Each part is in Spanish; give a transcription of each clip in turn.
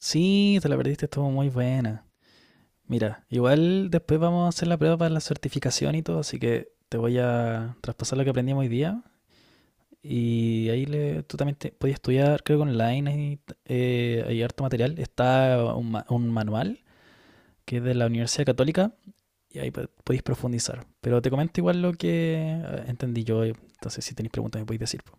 Sí, te la perdiste, estuvo muy buena. Mira, igual después vamos a hacer la prueba para la certificación y todo, así que te voy a traspasar lo que aprendimos hoy día. Y ahí tú también podías estudiar, creo que online y, hay harto material. Está un manual que es de la Universidad Católica y ahí podéis profundizar. Pero te comento igual lo que entendí yo, entonces si tenéis preguntas me podéis decir, po.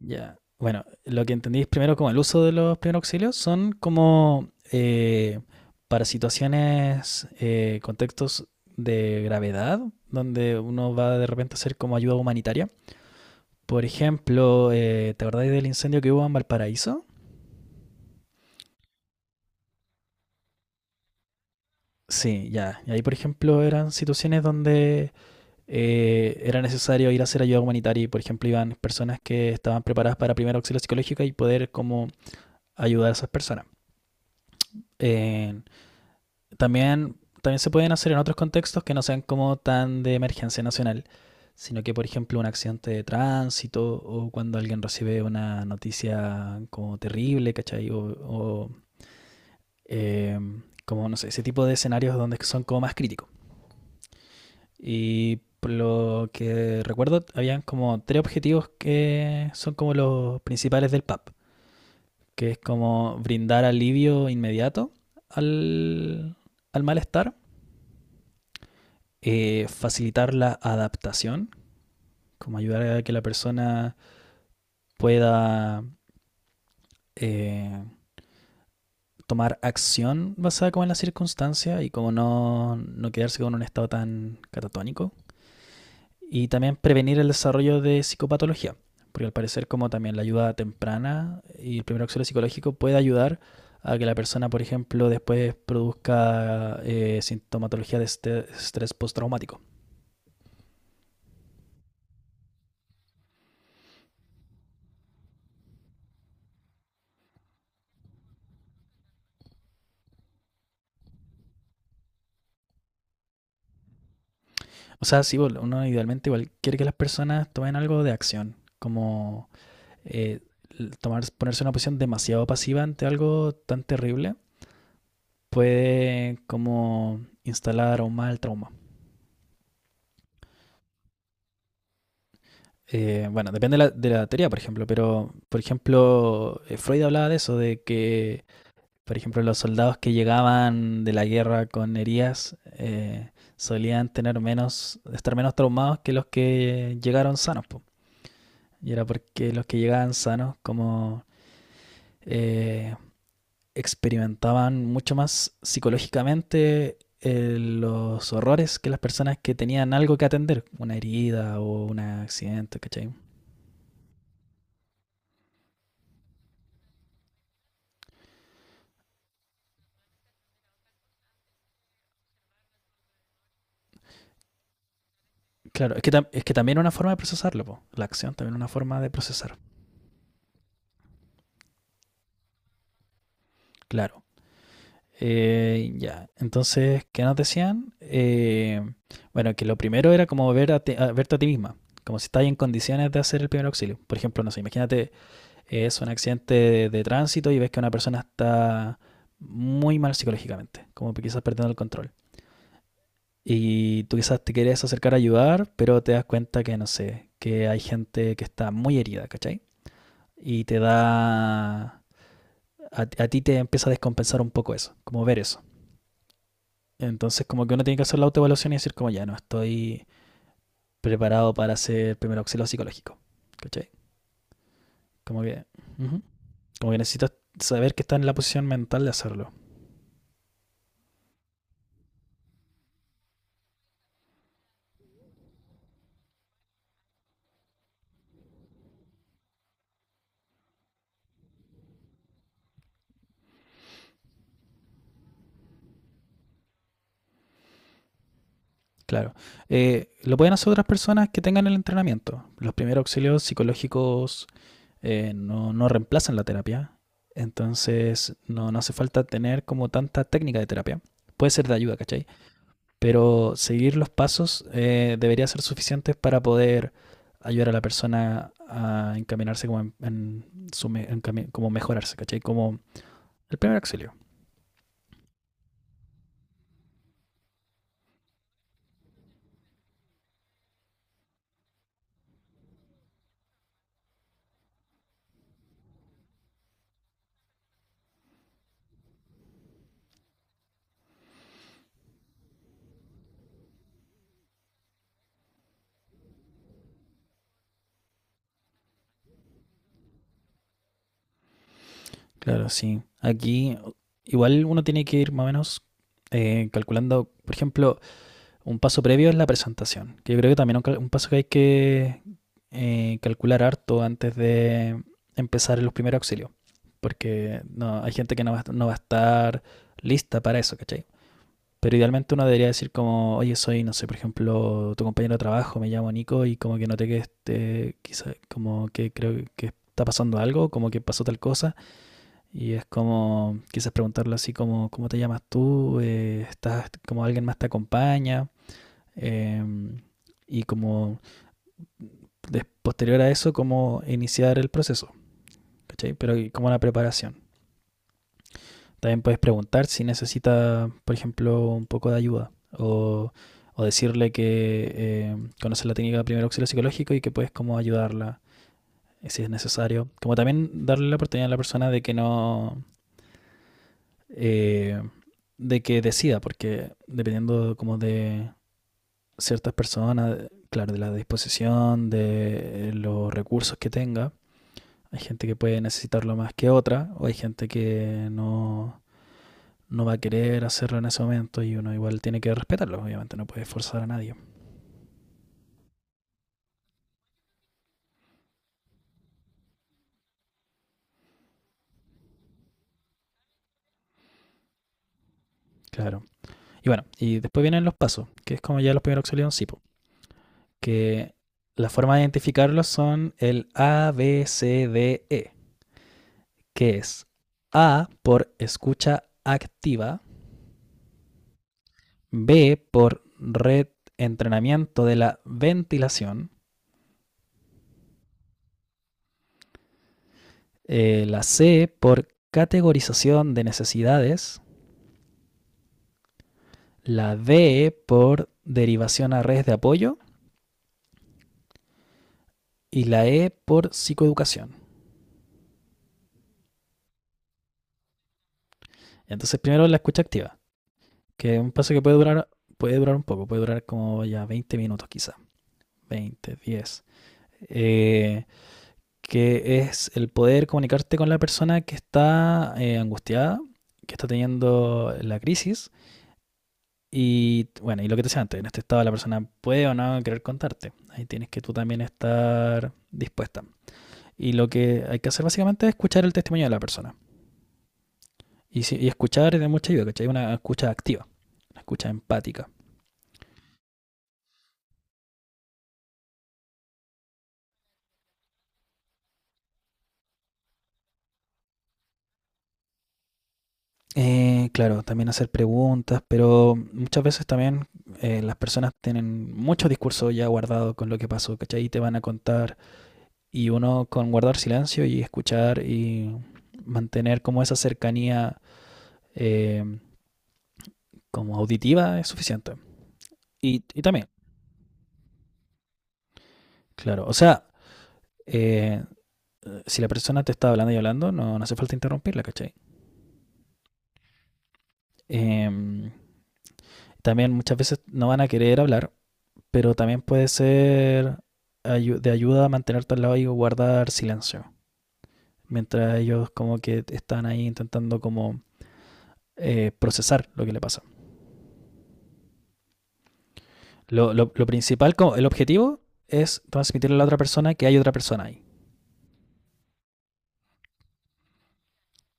Ya. Bueno, lo que entendí es primero como el uso de los primeros auxilios son como para situaciones, contextos de gravedad, donde uno va de repente a hacer como ayuda humanitaria. Por ejemplo, ¿te acordáis del incendio que hubo en Valparaíso? Sí, ya. Y ahí, por ejemplo, eran situaciones donde era necesario ir a hacer ayuda humanitaria y, por ejemplo, iban personas que estaban preparadas para primer auxilio psicológico y poder como ayudar a esas personas. Eh, también, también se pueden hacer en otros contextos que no sean como tan de emergencia nacional, sino que, por ejemplo, un accidente de tránsito o cuando alguien recibe una noticia como terrible, ¿cachai? O, eh, como, no sé, ese tipo de escenarios donde son como más críticos. Y por lo que recuerdo, habían como tres objetivos que son como los principales del PAP, que es como brindar alivio inmediato al, al malestar, facilitar la adaptación, como ayudar a que la persona pueda eh, tomar acción basada como en la circunstancia y como no, no quedarse con un estado tan catatónico. Y también prevenir el desarrollo de psicopatología, porque al parecer como también la ayuda temprana y el primer auxilio psicológico puede ayudar a que la persona, por ejemplo, después produzca sintomatología de estrés postraumático. O sea, sí, uno idealmente igual quiere que las personas tomen algo de acción, como eh, ponerse en una posición demasiado pasiva ante algo tan terrible puede como instalar aún más el trauma. Bueno, depende de la teoría, por ejemplo, pero por ejemplo, Freud hablaba de eso, de que, por ejemplo, los soldados que llegaban de la guerra con heridas solían tener menos, estar menos traumados que los que llegaron sanos, po. Y era porque los que llegaban sanos, como eh, experimentaban mucho más psicológicamente los horrores que las personas que tenían algo que atender, una herida o un accidente, ¿cachai? Claro, es que, es que también es una forma de procesarlo, po. La acción también es una forma de procesar, claro. Ya, entonces, ¿qué nos decían? Bueno, que lo primero era como ver verte a ti misma, como si estás en condiciones de hacer el primer auxilio. Por ejemplo, no sé, imagínate es un accidente de tránsito y ves que una persona está muy mal psicológicamente, como quizás perdiendo el control. Y tú quizás te quieres acercar a ayudar, pero te das cuenta que, no sé, que hay gente que está muy herida, ¿cachai? Y te da... a ti te empieza a descompensar un poco eso, como ver eso. Entonces como que uno tiene que hacer la autoevaluación y decir como ya no estoy preparado para hacer primer auxilio psicológico, ¿cachai? Como que... Ujú. Como que necesitas saber que estás en la posición mental de hacerlo. Claro. Lo pueden hacer otras personas que tengan el entrenamiento. Los primeros auxilios psicológicos no, no reemplazan la terapia. Entonces no, no hace falta tener como tanta técnica de terapia. Puede ser de ayuda, ¿cachai? Pero seguir los pasos debería ser suficiente para poder ayudar a la persona a encaminarse como, en su en como mejorarse, ¿cachai? Como el primer auxilio. Claro, sí. Aquí igual uno tiene que ir más o menos calculando, por ejemplo, un paso previo es la presentación, que yo creo que también un paso que hay que calcular harto antes de empezar en los primeros auxilios, porque no, hay gente que no va a estar lista para eso, ¿cachai? Pero idealmente uno debería decir como, oye, soy, no sé, por ejemplo, tu compañero de trabajo, me llamo Nico y como que noté que este, quizá, como que creo que está pasando algo, como que pasó tal cosa, y es como, quizás preguntarle así como, ¿cómo te llamas tú? Como alguien más te acompaña? eh, y como posterior a eso, cómo iniciar el proceso, ¿cachai? Pero y como una preparación. También puedes preguntar si necesita, por ejemplo, un poco de ayuda o, o decirle que conoces la técnica de primer auxilio psicológico y que puedes como ayudarla si es necesario. Como también darle la oportunidad a la persona de que no... eh, de que decida, porque dependiendo como de ciertas personas, claro, de la disposición, de los recursos que tenga, hay gente que puede necesitarlo más que otra, o hay gente que no, no va a querer hacerlo en ese momento y uno igual tiene que respetarlo, obviamente, no puede forzar a nadie. Claro. Y bueno, y después vienen los pasos, que es como ya los primeros auxilios de un cipo, que la forma de identificarlos son el A, B, C, D, E, que es A por escucha activa, B por red entrenamiento de la ventilación, la C por categorización de necesidades, la D por derivación a redes de apoyo y la E por psicoeducación. Entonces primero la escucha activa, que es un paso que puede durar un poco, puede durar como ya 20 minutos quizá, 20, 10. Eh, que es el poder comunicarte con la persona que está angustiada, que está teniendo la crisis. Y bueno, y lo que te decía antes, en este estado la persona puede o no querer contarte. Ahí tienes que tú también estar dispuesta. Y lo que hay que hacer básicamente es escuchar el testimonio de la persona. Y, y escuchar es de mucha ayuda, ¿cachai? Una escucha activa, una escucha empática. Claro, también hacer preguntas, pero muchas veces también las personas tienen mucho discurso ya guardado con lo que pasó, ¿cachai? Y te van a contar. Y uno con guardar silencio y escuchar y mantener como esa cercanía eh, como auditiva es suficiente. Y también, claro, o sea, eh, si la persona te está hablando y hablando, no, no hace falta interrumpirla, ¿cachai? Eh, también muchas veces no van a querer hablar, pero también puede ser de ayuda a mantenerte al lado y guardar silencio, mientras ellos como que están ahí intentando como procesar lo que le pasa. Lo principal, como el objetivo es transmitirle a la otra persona que hay otra persona ahí.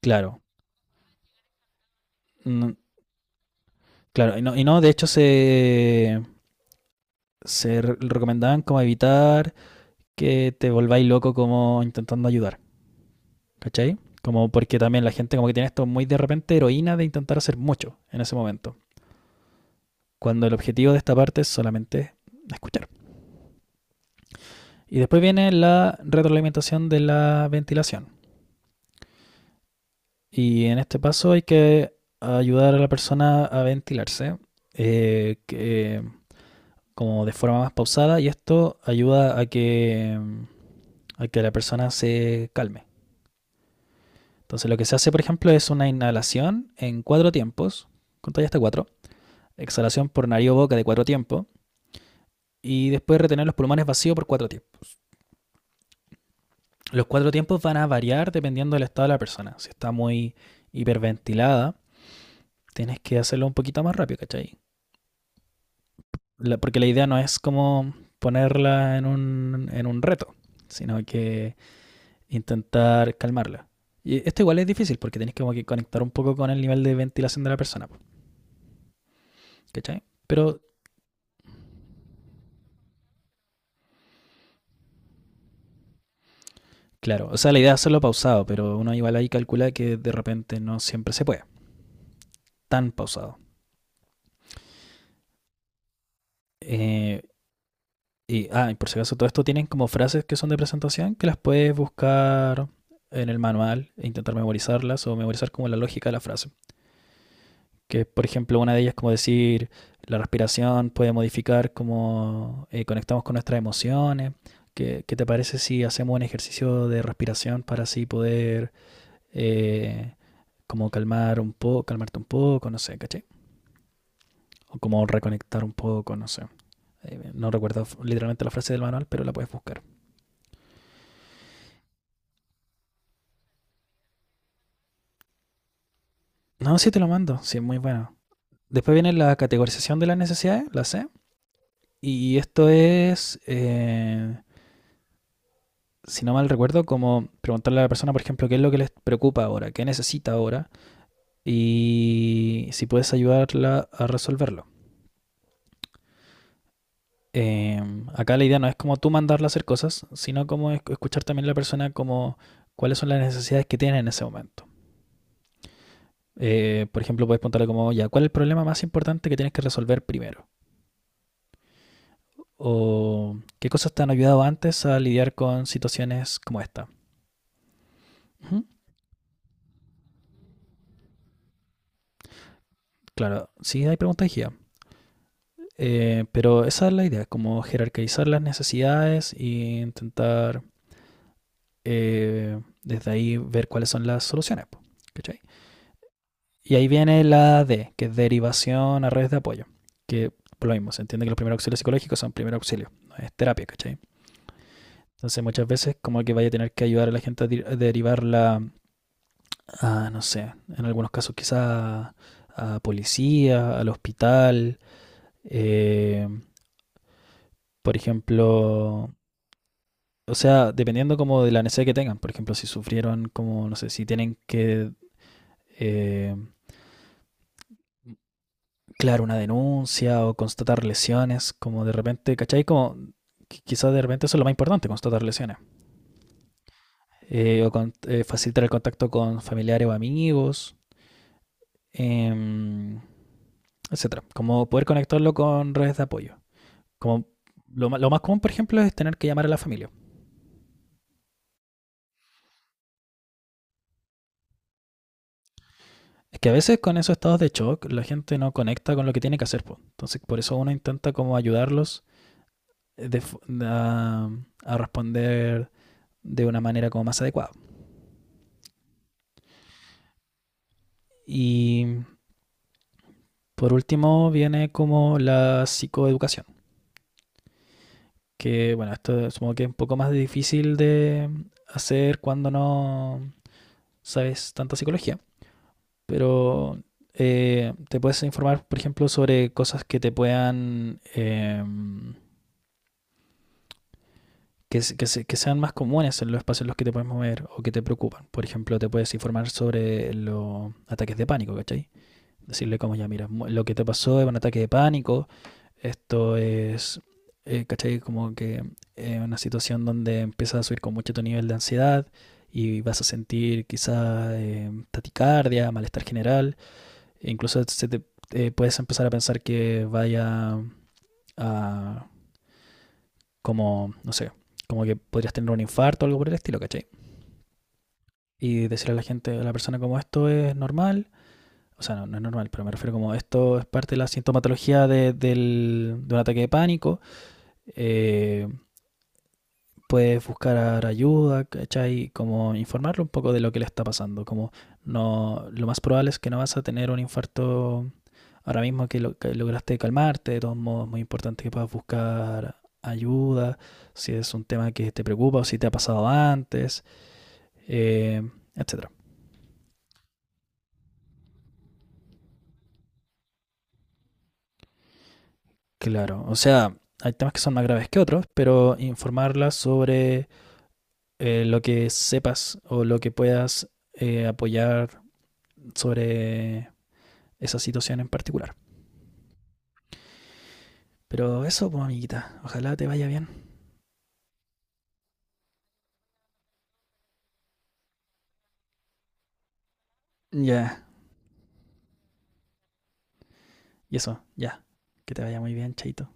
Claro. Mm, claro, y no, de hecho se recomendaban como evitar que te volváis loco como intentando ayudar. ¿Cachai? Como porque también la gente como que tiene esto muy de repente heroína de intentar hacer mucho en ese momento. Cuando el objetivo de esta parte es solamente escuchar. Y después viene la retroalimentación de la ventilación. Y en este paso hay que ayudar a la persona a ventilarse, eh, que, como de forma más pausada y esto ayuda a que la persona se calme. Entonces lo que se hace, por ejemplo, es una inhalación en 4 tiempos, contáis hasta 4, exhalación por nariz o boca de 4 tiempos y después retener los pulmones vacíos por 4 tiempos. Los 4 tiempos van a variar dependiendo del estado de la persona. Si está muy hiperventilada, tienes que hacerlo un poquito más rápido, ¿cachai? Porque la idea no es como ponerla en un reto, sino que intentar calmarla. Y esto igual es difícil porque tenés como que conectar un poco con el nivel de ventilación de la persona, po, ¿cachai? Pero claro, o sea, la idea es hacerlo pausado, pero uno igual ahí calcula que de repente no siempre se puede tan pausado. Eh, y por si acaso, todo esto tienen como frases que son de presentación que las puedes buscar en el manual e intentar memorizarlas o memorizar como la lógica de la frase. Que, por ejemplo, una de ellas es como decir, la respiración puede modificar cómo conectamos con nuestras emociones. ¿Qué te parece si hacemos un ejercicio de respiración para así poder eh, como calmar un poco, calmarte un poco, no sé, ¿caché? O como reconectar un poco, no sé. No recuerdo literalmente la frase del manual, pero la puedes buscar. No, sí te lo mando. Sí, muy bueno. Después viene la categorización de las necesidades, la C. Y esto es, si no mal recuerdo, como preguntarle a la persona, por ejemplo, qué es lo que les preocupa ahora, qué necesita ahora y si puedes ayudarla a resolverlo. Eh, Acá la idea no es como tú mandarla a hacer cosas, sino como escuchar también a la persona como cuáles son las necesidades que tiene en ese momento. Por ejemplo, puedes preguntarle como, ya, ¿cuál es el problema más importante que tienes que resolver primero? O qué cosas te han ayudado antes a lidiar con situaciones como esta. Ujú. Claro, sí hay preguntas de guía, pero esa es la idea, como jerarquizar las necesidades e intentar desde ahí ver cuáles son las soluciones. Po, ¿cachai? Y ahí viene la D, que es derivación a redes de apoyo, que por lo mismo, se entiende que los primeros auxilios psicológicos son primer auxilio, no es terapia, ¿cachai? Entonces muchas veces como que vaya a tener que ayudar a la gente a derivar la a, no sé, en algunos casos quizá a policía, al hospital, eh, por ejemplo, o sea, dependiendo como de la necesidad que tengan, por ejemplo, si sufrieron como, no sé, si tienen que, eh, claro, una denuncia o constatar lesiones, como de repente, ¿cachai? Como quizás de repente eso es lo más importante, constatar lesiones, facilitar el contacto con familiares o amigos, eh, etcétera, como poder conectarlo con redes de apoyo. Como lo más común, por ejemplo, es tener que llamar a la familia. Es que a veces con esos estados de shock la gente no conecta con lo que tiene que hacer. Po. Entonces, por eso uno intenta como ayudarlos eh, de a, a responder de una manera como más adecuada. Y por último viene como la psicoeducación, que bueno, esto supongo que es un poco más difícil de hacer cuando no sabes tanta psicología, pero te puedes informar, por ejemplo, sobre cosas que te puedan, que sean más comunes en los espacios en los que te puedes mover o que te preocupan. Por ejemplo, te puedes informar sobre los ataques de pánico, ¿cachai? Decirle como ya, mira, lo que te pasó es un ataque de pánico, esto es, ¿cachai? Como que una situación donde empiezas a subir con mucho tu nivel de ansiedad y vas a sentir quizás taticardia, malestar general, incluso se te, puedes empezar a pensar que vaya a como, no sé, como que podrías tener un infarto o algo por el estilo, ¿cachai? Y decirle a la gente, a la persona como esto es normal, o sea, no, no es normal, pero me refiero como esto es parte de la sintomatología de un ataque de pánico, eh, puedes buscar ayuda, ¿cachai? Como informarlo un poco de lo que le está pasando, como no, lo más probable es que no vas a tener un infarto ahora mismo que, que lograste calmarte, de todos modos es muy importante que puedas buscar ayuda, si es un tema que te preocupa o si te ha pasado antes, eh, etcétera. Claro, o sea, hay temas que son más graves que otros, pero informarla sobre lo que sepas o lo que puedas apoyar sobre esa situación en particular. Pero eso, pues, amiguita, ojalá te vaya bien. Ya, yeah. Y eso, ya, yeah. Que te vaya muy bien, chaito.